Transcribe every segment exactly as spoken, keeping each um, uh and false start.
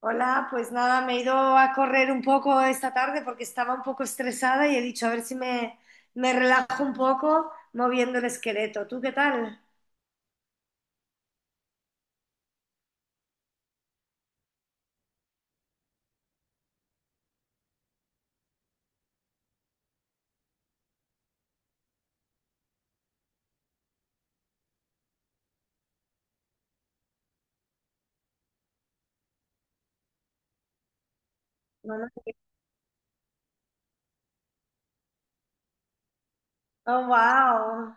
Hola, pues nada, me he ido a correr un poco esta tarde porque estaba un poco estresada y he dicho a ver si me, me relajo un poco moviendo el esqueleto. ¿Tú qué tal? No, no. Oh, wow.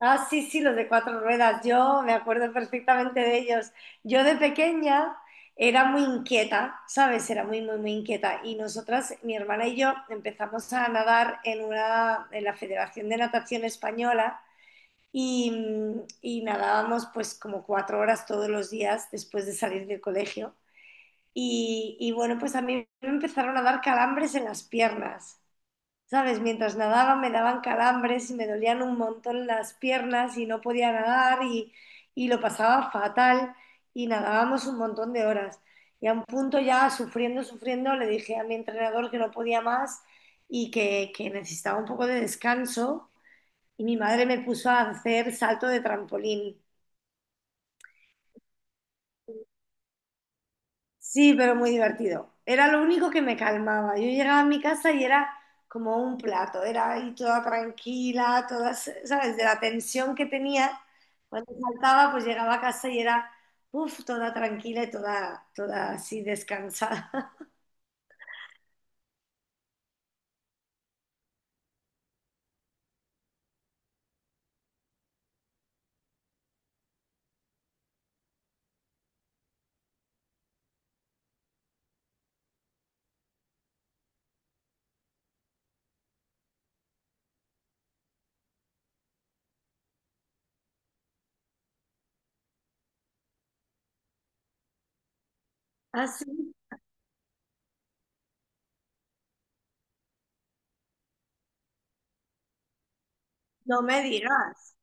Ah, sí, sí, los de cuatro ruedas. Yo me acuerdo perfectamente de ellos. Yo de pequeña era muy inquieta, ¿sabes? Era muy, muy, muy inquieta. Y nosotras, mi hermana y yo, empezamos a nadar en una, en la Federación de Natación Española. Y, mm, y nadábamos pues como cuatro horas todos los días después de salir del colegio. Y, y bueno, pues a mí me empezaron a dar calambres en las piernas. ¿Sabes? Mientras nadaba me daban calambres y me dolían un montón las piernas y no podía nadar y, y lo pasaba fatal y nadábamos un montón de horas. Y a un punto ya sufriendo, sufriendo, le dije a mi entrenador que no podía más y que, que necesitaba un poco de descanso y mi madre me puso a hacer salto de trampolín. Sí, pero muy divertido. Era lo único que me calmaba. Yo llegaba a mi casa y era como un plato, era ahí toda tranquila, toda, ¿sabes? De la tensión que tenía cuando saltaba, pues llegaba a casa y era, uff, toda tranquila y toda, toda así descansada. Así, no me digas.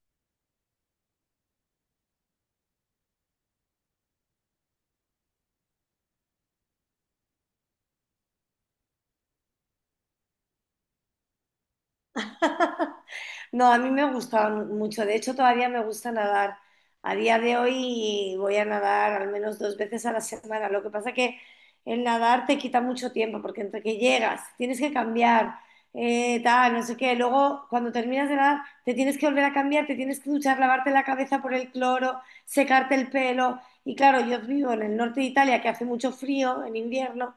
No, a mí me gustaba mu- mucho. De hecho, todavía me gusta nadar. A día de hoy voy a nadar al menos dos veces a la semana. Lo que pasa que el nadar te quita mucho tiempo porque entre que llegas, tienes que cambiar, eh, tal, no sé qué. Luego, cuando terminas de nadar, te tienes que volver a cambiar, te tienes que duchar, lavarte la cabeza por el cloro, secarte el pelo. Y claro, yo vivo en el norte de Italia que hace mucho frío en invierno.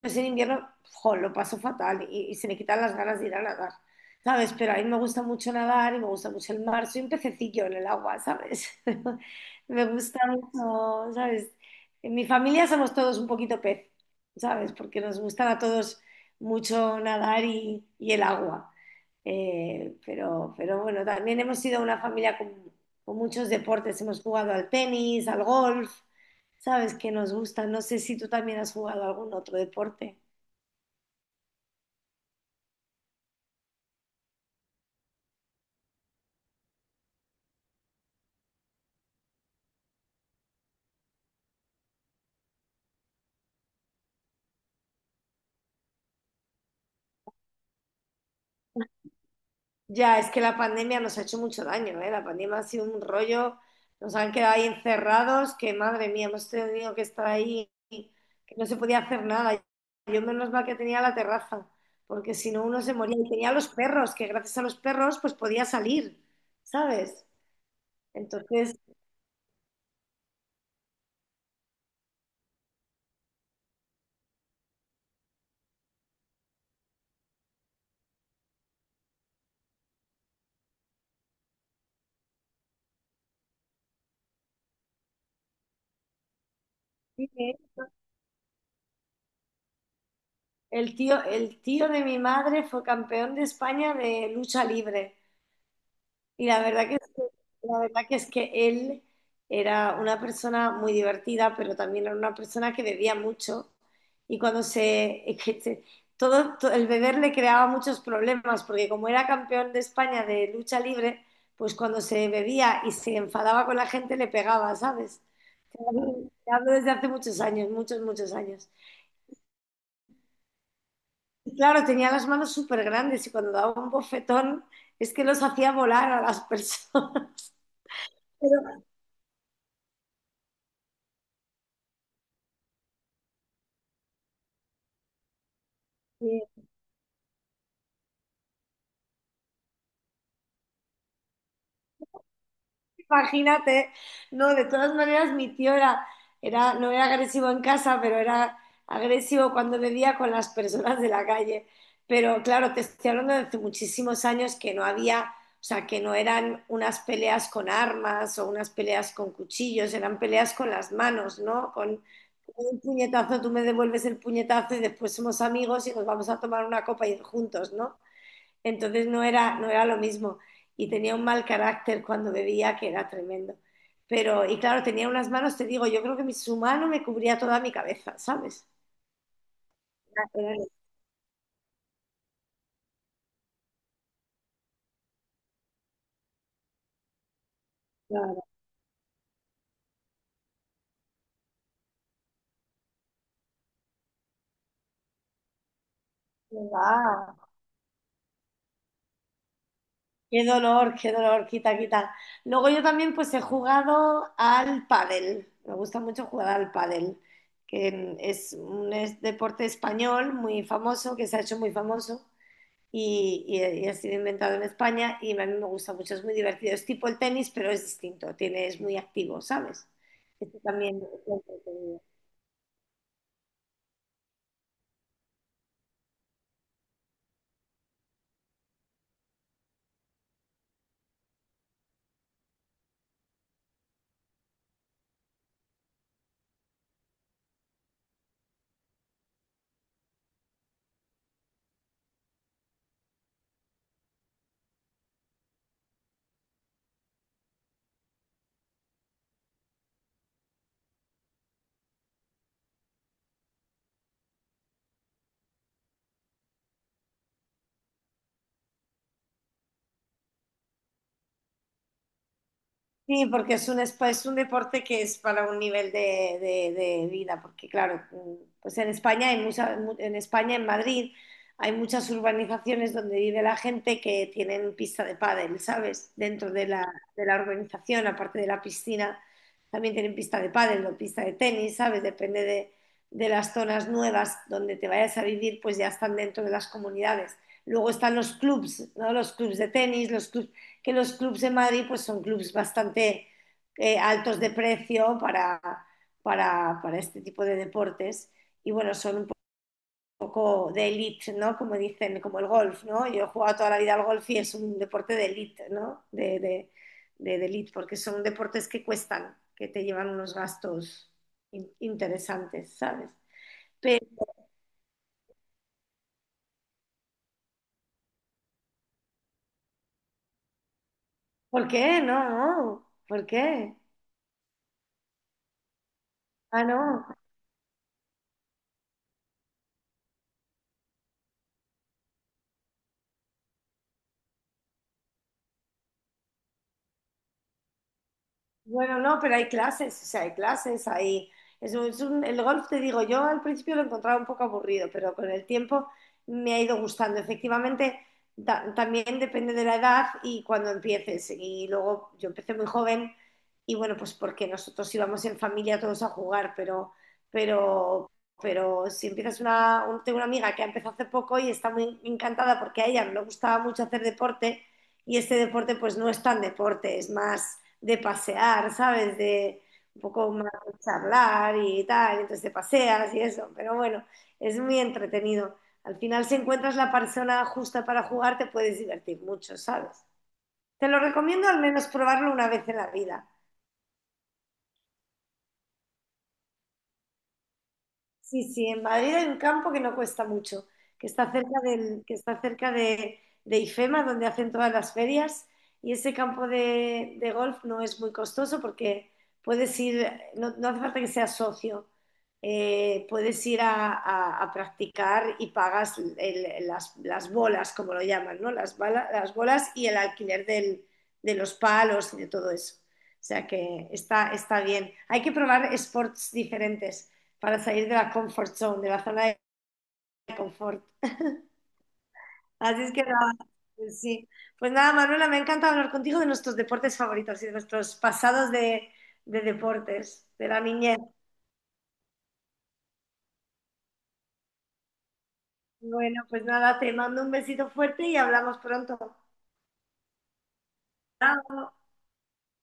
Pues en invierno, jo, lo paso fatal y, y se me quitan las ganas de ir a nadar, ¿sabes? Pero a mí me gusta mucho nadar y me gusta mucho el mar. Soy un pececillo en el agua, ¿sabes? Me gusta mucho, ¿sabes? En mi familia somos todos un poquito pez, ¿sabes? Porque nos gustan a todos mucho nadar y, y el agua. Eh, pero, pero bueno, también hemos sido una familia con, con muchos deportes. Hemos jugado al tenis, al golf, ¿sabes? Que nos gusta. No sé si tú también has jugado algún otro deporte. Ya, es que la pandemia nos ha hecho mucho daño, ¿eh? La pandemia ha sido un rollo, nos han quedado ahí encerrados, que madre mía, hemos tenido que estar ahí, que no se podía hacer nada. Yo menos mal que tenía la terraza, porque si no uno se moría. Y tenía los perros, que gracias a los perros pues podía salir, ¿sabes? Entonces, sí, ¿eh? el tío, el tío de mi madre fue campeón de España de lucha libre. Y la verdad que, es que- la verdad que es que él era una persona muy divertida, pero también era una persona que bebía mucho. Y cuando se, es que se- todo, to- el beber le creaba muchos problemas, porque como era campeón de España de lucha libre, pues cuando se bebía y se enfadaba con la gente le pegaba, ¿sabes? Te Hablo desde hace muchos años, muchos, muchos años. Y claro, tenía las manos súper grandes y cuando daba un bofetón es que los hacía volar a las personas. Pero, imagínate, no, de todas maneras mi tío era, era, no era agresivo en casa, pero era agresivo cuando bebía con las personas de la calle. Pero claro, te estoy hablando de hace muchísimos años que no había, o sea, que no eran unas peleas con armas o unas peleas con cuchillos, eran peleas con las manos, ¿no? Con un puñetazo, tú me devuelves el puñetazo y después somos amigos y nos vamos a tomar una copa y juntos, ¿no? Entonces no era, no era lo mismo. Y tenía un mal carácter cuando bebía que era tremendo. Pero, y claro, tenía unas manos, te digo, yo creo que mi, su mano me cubría toda mi cabeza, ¿sabes? Era- era- claro, qué va. Qué dolor, qué dolor, quita, quita. Luego yo también pues he jugado al pádel. Me gusta mucho jugar al pádel, que mm, es un es- deporte español muy famoso, que se ha hecho muy famoso y, y- y ha sido inventado en España y a mí me gusta mucho, es muy divertido. Es tipo el tenis, pero es distinto, tiene, es muy activo, ¿sabes? Este también es muy entretenido. Sí, porque es un, espa- es un deporte que es para un nivel de, de- de vida, porque claro, mm, pues en España hay mucha- mu- en España, en Madrid, hay muchas urbanizaciones donde vive la gente que tienen pista de pádel, ¿sabes? Dentro de la, de la urbanización, aparte de la piscina, también tienen pista de pádel o pista de tenis, ¿sabes? Depende de, de las zonas nuevas donde te vayas a vivir, pues ya están dentro de las comunidades. Luego están los clubs, ¿no? Los clubs de tenis, los clubs que los clubs de Madrid pues son clubs bastante eh, altos de precio para, para, para este tipo de deportes y bueno, son un poco de elite, ¿no? Como dicen, como el golf, ¿no? Yo he jugado toda la vida al golf y es un deporte de elite, ¿no? De, de, de, de elite, porque son deportes que cuestan, que te llevan unos gastos in interesantes, ¿sabes? Pero, ¿por qué? No, no, ¿por qué? Ah, no. Bueno, no, pero hay clases, o sea, hay clases, hay... Es un- es un- el golf, te digo, yo al principio lo encontraba un poco aburrido, pero con el tiempo me ha ido gustando. Efectivamente, ta- también depende de la edad y cuando empieces. Y luego yo empecé muy joven y bueno, pues porque nosotros íbamos en familia todos a jugar, pero, pero, pero si empiezas una, un- tengo una amiga que ha empezado hace poco y está muy encantada porque a ella le gustaba mucho hacer deporte y este deporte pues no es tan deporte, es más de pasear, ¿sabes? De un poco más de charlar y tal, entonces te paseas y eso, pero bueno, es muy entretenido. Al final, si encuentras la persona justa para jugar, te puedes divertir mucho, ¿sabes? Te lo recomiendo al menos probarlo una vez en la vida. Sí, sí, en Madrid hay un campo que no cuesta mucho, que está cerca del, que está cerca de, de IFEMA, donde hacen todas las ferias, y ese campo de, de golf no es muy costoso porque puedes ir, no, no hace falta que seas socio, eh, puedes ir a, a- a practicar y pagas el- las, las bolas, como lo llaman, ¿no? Las, bala- las bolas y el alquiler del- de los palos y de todo eso. O sea que está, está bien. Hay que probar sports diferentes para salir de la comfort zone, de la zona de confort. Así es que nada, pues sí. Pues nada, Manuela, me encanta hablar contigo de nuestros deportes favoritos y de nuestros pasados de, de deportes, de la niñez. Bueno, pues nada, te mando un besito fuerte y hablamos pronto. Chao.